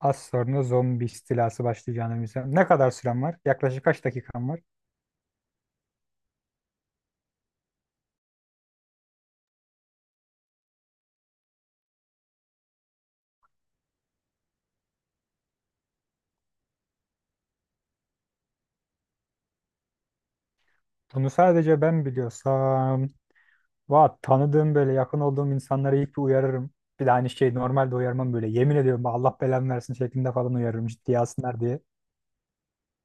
Az sonra zombi istilası başlayacağını bilsem. Ne kadar sürem var? Yaklaşık kaç dakikam var? Bunu sadece ben biliyorsam. Va tanıdığım böyle yakın olduğum insanlara ilk bir uyarırım. Bir de aynı şey normalde uyarmam böyle. Yemin ediyorum bak Allah belamı versin şeklinde falan uyarırım ciddiye alsınlar diye.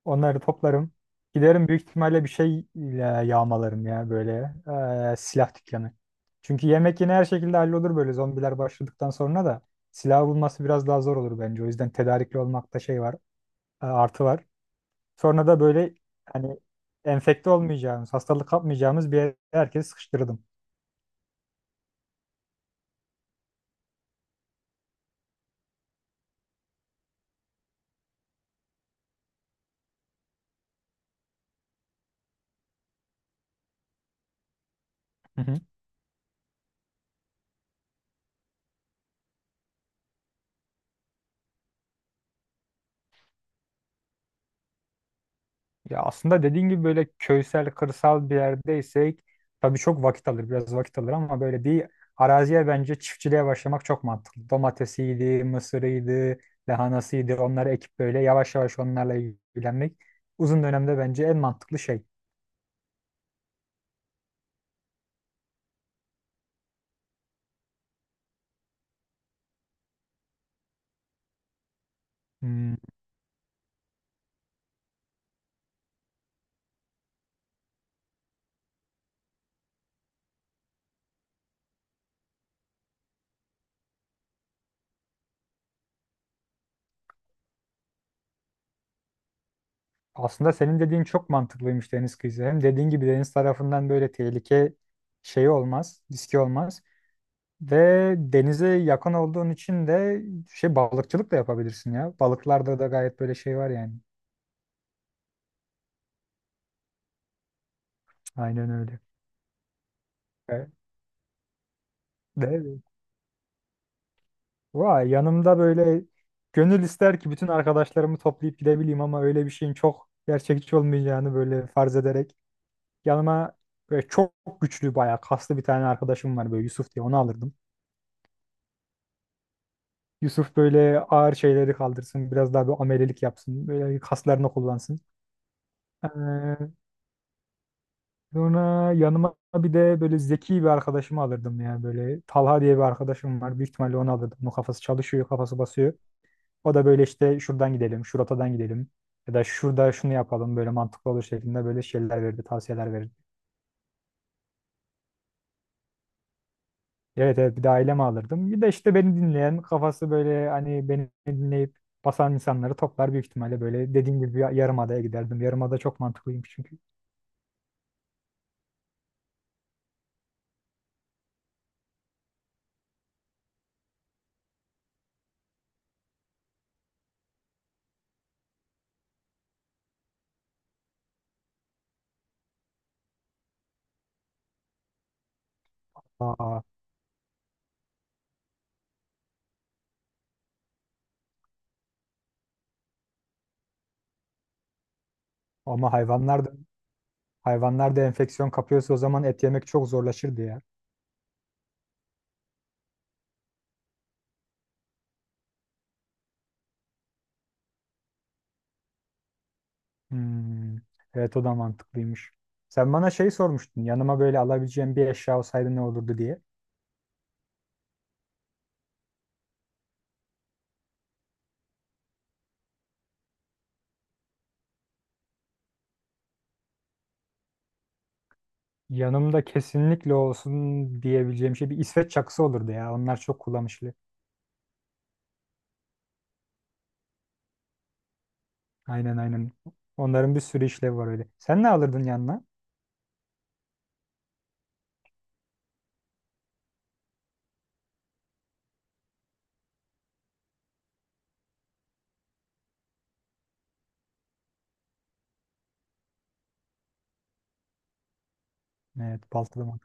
Onları toplarım. Giderim büyük ihtimalle bir şeyle yağmalarım ya böyle silah dükkanı. Çünkü yemek yine her şekilde hallolur böyle zombiler başladıktan sonra da. Silah bulması biraz daha zor olur bence. O yüzden tedarikli olmakta şey var, artı var. Sonra da böyle hani enfekte olmayacağımız, hastalık kapmayacağımız bir yere herkesi sıkıştırdım. Hı hı. Ya aslında dediğin gibi böyle köysel, kırsal bir yerdeysek tabii çok vakit alır, biraz vakit alır ama böyle bir araziye bence çiftçiliğe başlamak çok mantıklı. Domatesiydi, mısırıydı, lahanasıydı onları ekip böyle yavaş yavaş onlarla ilgilenmek uzun dönemde bence en mantıklı şey. Hmm, aslında senin dediğin çok mantıklıymış deniz kıyısı. Hem dediğin gibi deniz tarafından böyle tehlike şeyi olmaz, riski olmaz. Ve denize yakın olduğun için de şey balıkçılık da yapabilirsin ya. Balıklarda da gayet böyle şey var yani. Aynen öyle. Ve, de, yanımda böyle gönül ister ki bütün arkadaşlarımı toplayıp gidebileyim ama öyle bir şeyin çok gerçekçi olmayacağını böyle farz ederek yanıma böyle çok güçlü bayağı kaslı bir tane arkadaşım var böyle Yusuf diye onu alırdım. Yusuf böyle ağır şeyleri kaldırsın biraz daha bir amelelik yapsın böyle kaslarını kullansın. Sonra yanıma bir de böyle zeki bir arkadaşımı alırdım ya böyle Talha diye bir arkadaşım var. Büyük ihtimalle onu alırdım. Onun kafası çalışıyor, kafası basıyor. O da böyle işte şuradan gidelim, şuradan gidelim ya da şurada şunu yapalım böyle mantıklı olur şeklinde böyle şeyler verdi, tavsiyeler verdi. Evet evet, bir de ailemi alırdım. Bir de işte beni dinleyen, kafası böyle hani beni dinleyip basan insanları toplar büyük ihtimalle böyle dediğim gibi bir yarımadaya giderdim. Yarımada çok mantıklıymış çünkü. Aa, ama hayvanlar da hayvanlar da enfeksiyon kapıyorsa o zaman et yemek çok zorlaşırdı ya. Hmm, evet o da mantıklıymış. Sen bana şey sormuştun. Yanıma böyle alabileceğim bir eşya olsaydı ne olurdu diye. Yanımda kesinlikle olsun diyebileceğim şey bir İsveç çakısı olurdu ya. Onlar çok kullanışlı. Aynen aynen. Onların bir sürü işlevi var öyle. Sen ne alırdın yanına? Evet baltalı mı?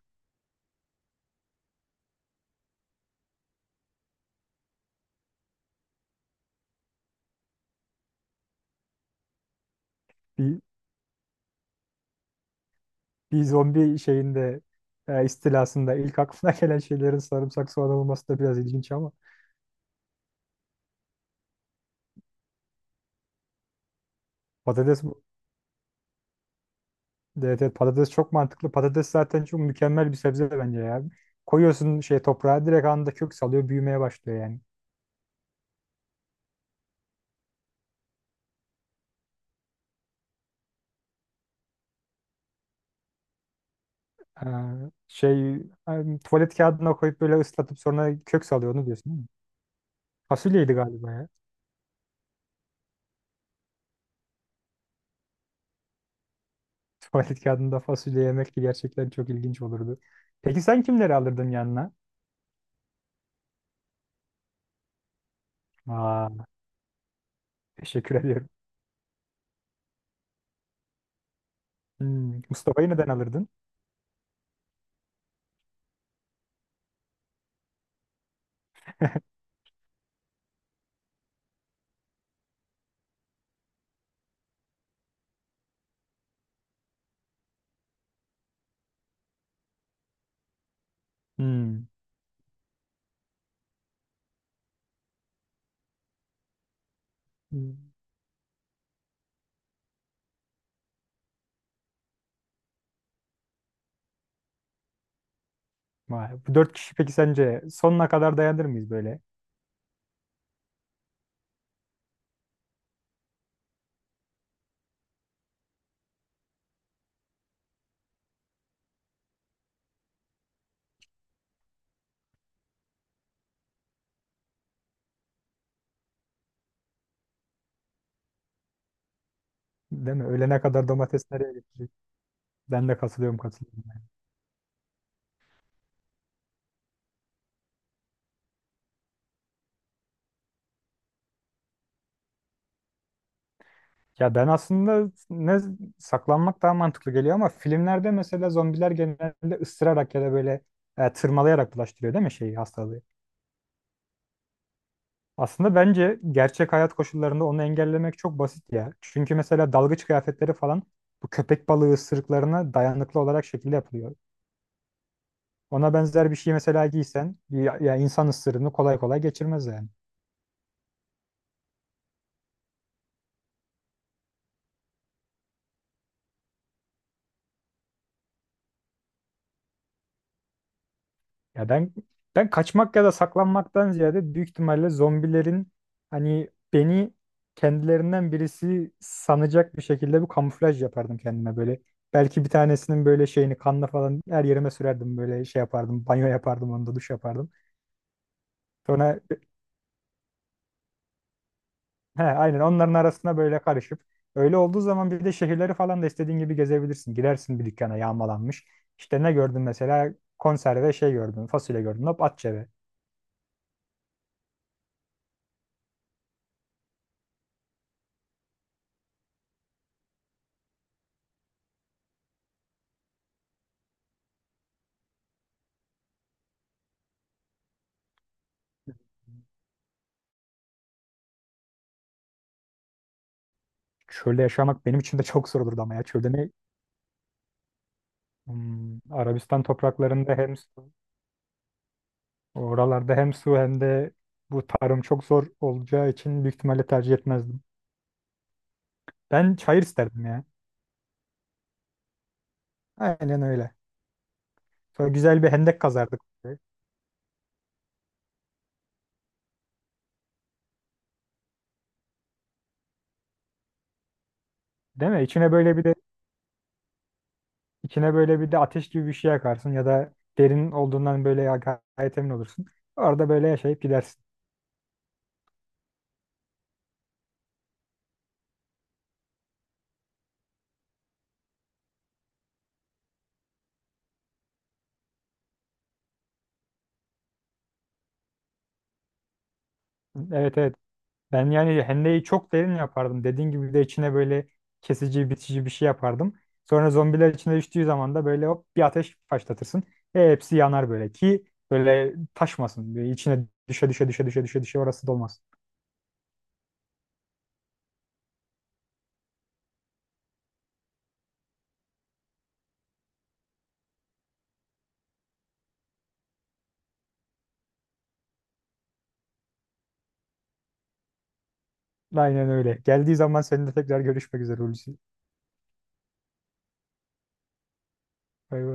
Bir, bir zombi şeyinde istilasında ilk aklına gelen şeylerin sarımsak soğan olması da biraz ilginç ama patates. Evet, evet, patates çok mantıklı. Patates zaten çok mükemmel bir sebze bence ya. Koyuyorsun şey toprağa direkt anında kök salıyor büyümeye başlıyor yani. Ee, şey tuvalet kağıdına koyup böyle ıslatıp sonra kök salıyor onu diyorsun değil mi? Fasulyeydi galiba ya. Tuvalet kağıdında fasulye yemek de gerçekten çok ilginç olurdu. Peki sen kimleri alırdın yanına? Aa, teşekkür ediyorum. Hmm, Mustafa'yı neden alırdın? Hmm. Hmm. Vay, bu dört kişi peki sence sonuna kadar dayanır mıyız böyle? Değil mi? Öğlene kadar domates nereye gitti? Ben de katılıyorum, katılıyorum. Ya ben aslında ne, saklanmak daha mantıklı geliyor ama filmlerde mesela zombiler genelde ısırarak ya da böyle tırmalayarak bulaştırıyor değil mi şeyi hastalığı? Aslında bence gerçek hayat koşullarında onu engellemek çok basit ya. Çünkü mesela dalgıç kıyafetleri falan bu köpek balığı ısırıklarına dayanıklı olarak şekilde yapılıyor. Ona benzer bir şey mesela giysen ya, ya insan ısırığını kolay kolay geçirmez yani. Ya ben kaçmak ya da saklanmaktan ziyade büyük ihtimalle zombilerin hani beni kendilerinden birisi sanacak bir şekilde bir kamuflaj yapardım kendime böyle. Belki bir tanesinin böyle şeyini kanla falan her yerime sürerdim böyle şey yapardım. Banyo yapardım onda duş yapardım. Sonra he, aynen onların arasına böyle karışıp öyle olduğu zaman bir de şehirleri falan da istediğin gibi gezebilirsin. Girersin bir dükkana yağmalanmış. İşte ne gördün mesela konserve şey gördün fasulye gördün hop at cebe. Çölde yaşamak benim için de çok zor olurdu ama ya çölde ne? Hmm, Arabistan topraklarında hem su, oralarda hem su hem de bu tarım çok zor olacağı için büyük ihtimalle tercih etmezdim. Ben çayır isterdim ya. Aynen öyle. Sonra güzel bir hendek kazardık. Değil mi? İçine böyle bir de içine böyle bir de ateş gibi bir şey yakarsın ya da derin olduğundan gayet emin olursun. Orada böyle yaşayıp gidersin. Evet evet, ben yani hendeyi çok derin yapardım. Dediğin gibi bir de içine böyle kesici, bitici bir şey yapardım. Sonra zombiler içine düştüğü zaman da böyle hop bir ateş başlatırsın. Hepsi yanar böyle ki böyle taşmasın. Böyle içine düşe düşe düşe düşe düşe düşe orası dolmaz. Aynen öyle. Geldiği zaman seninle tekrar görüşmek üzere Hulusi. Bay bay.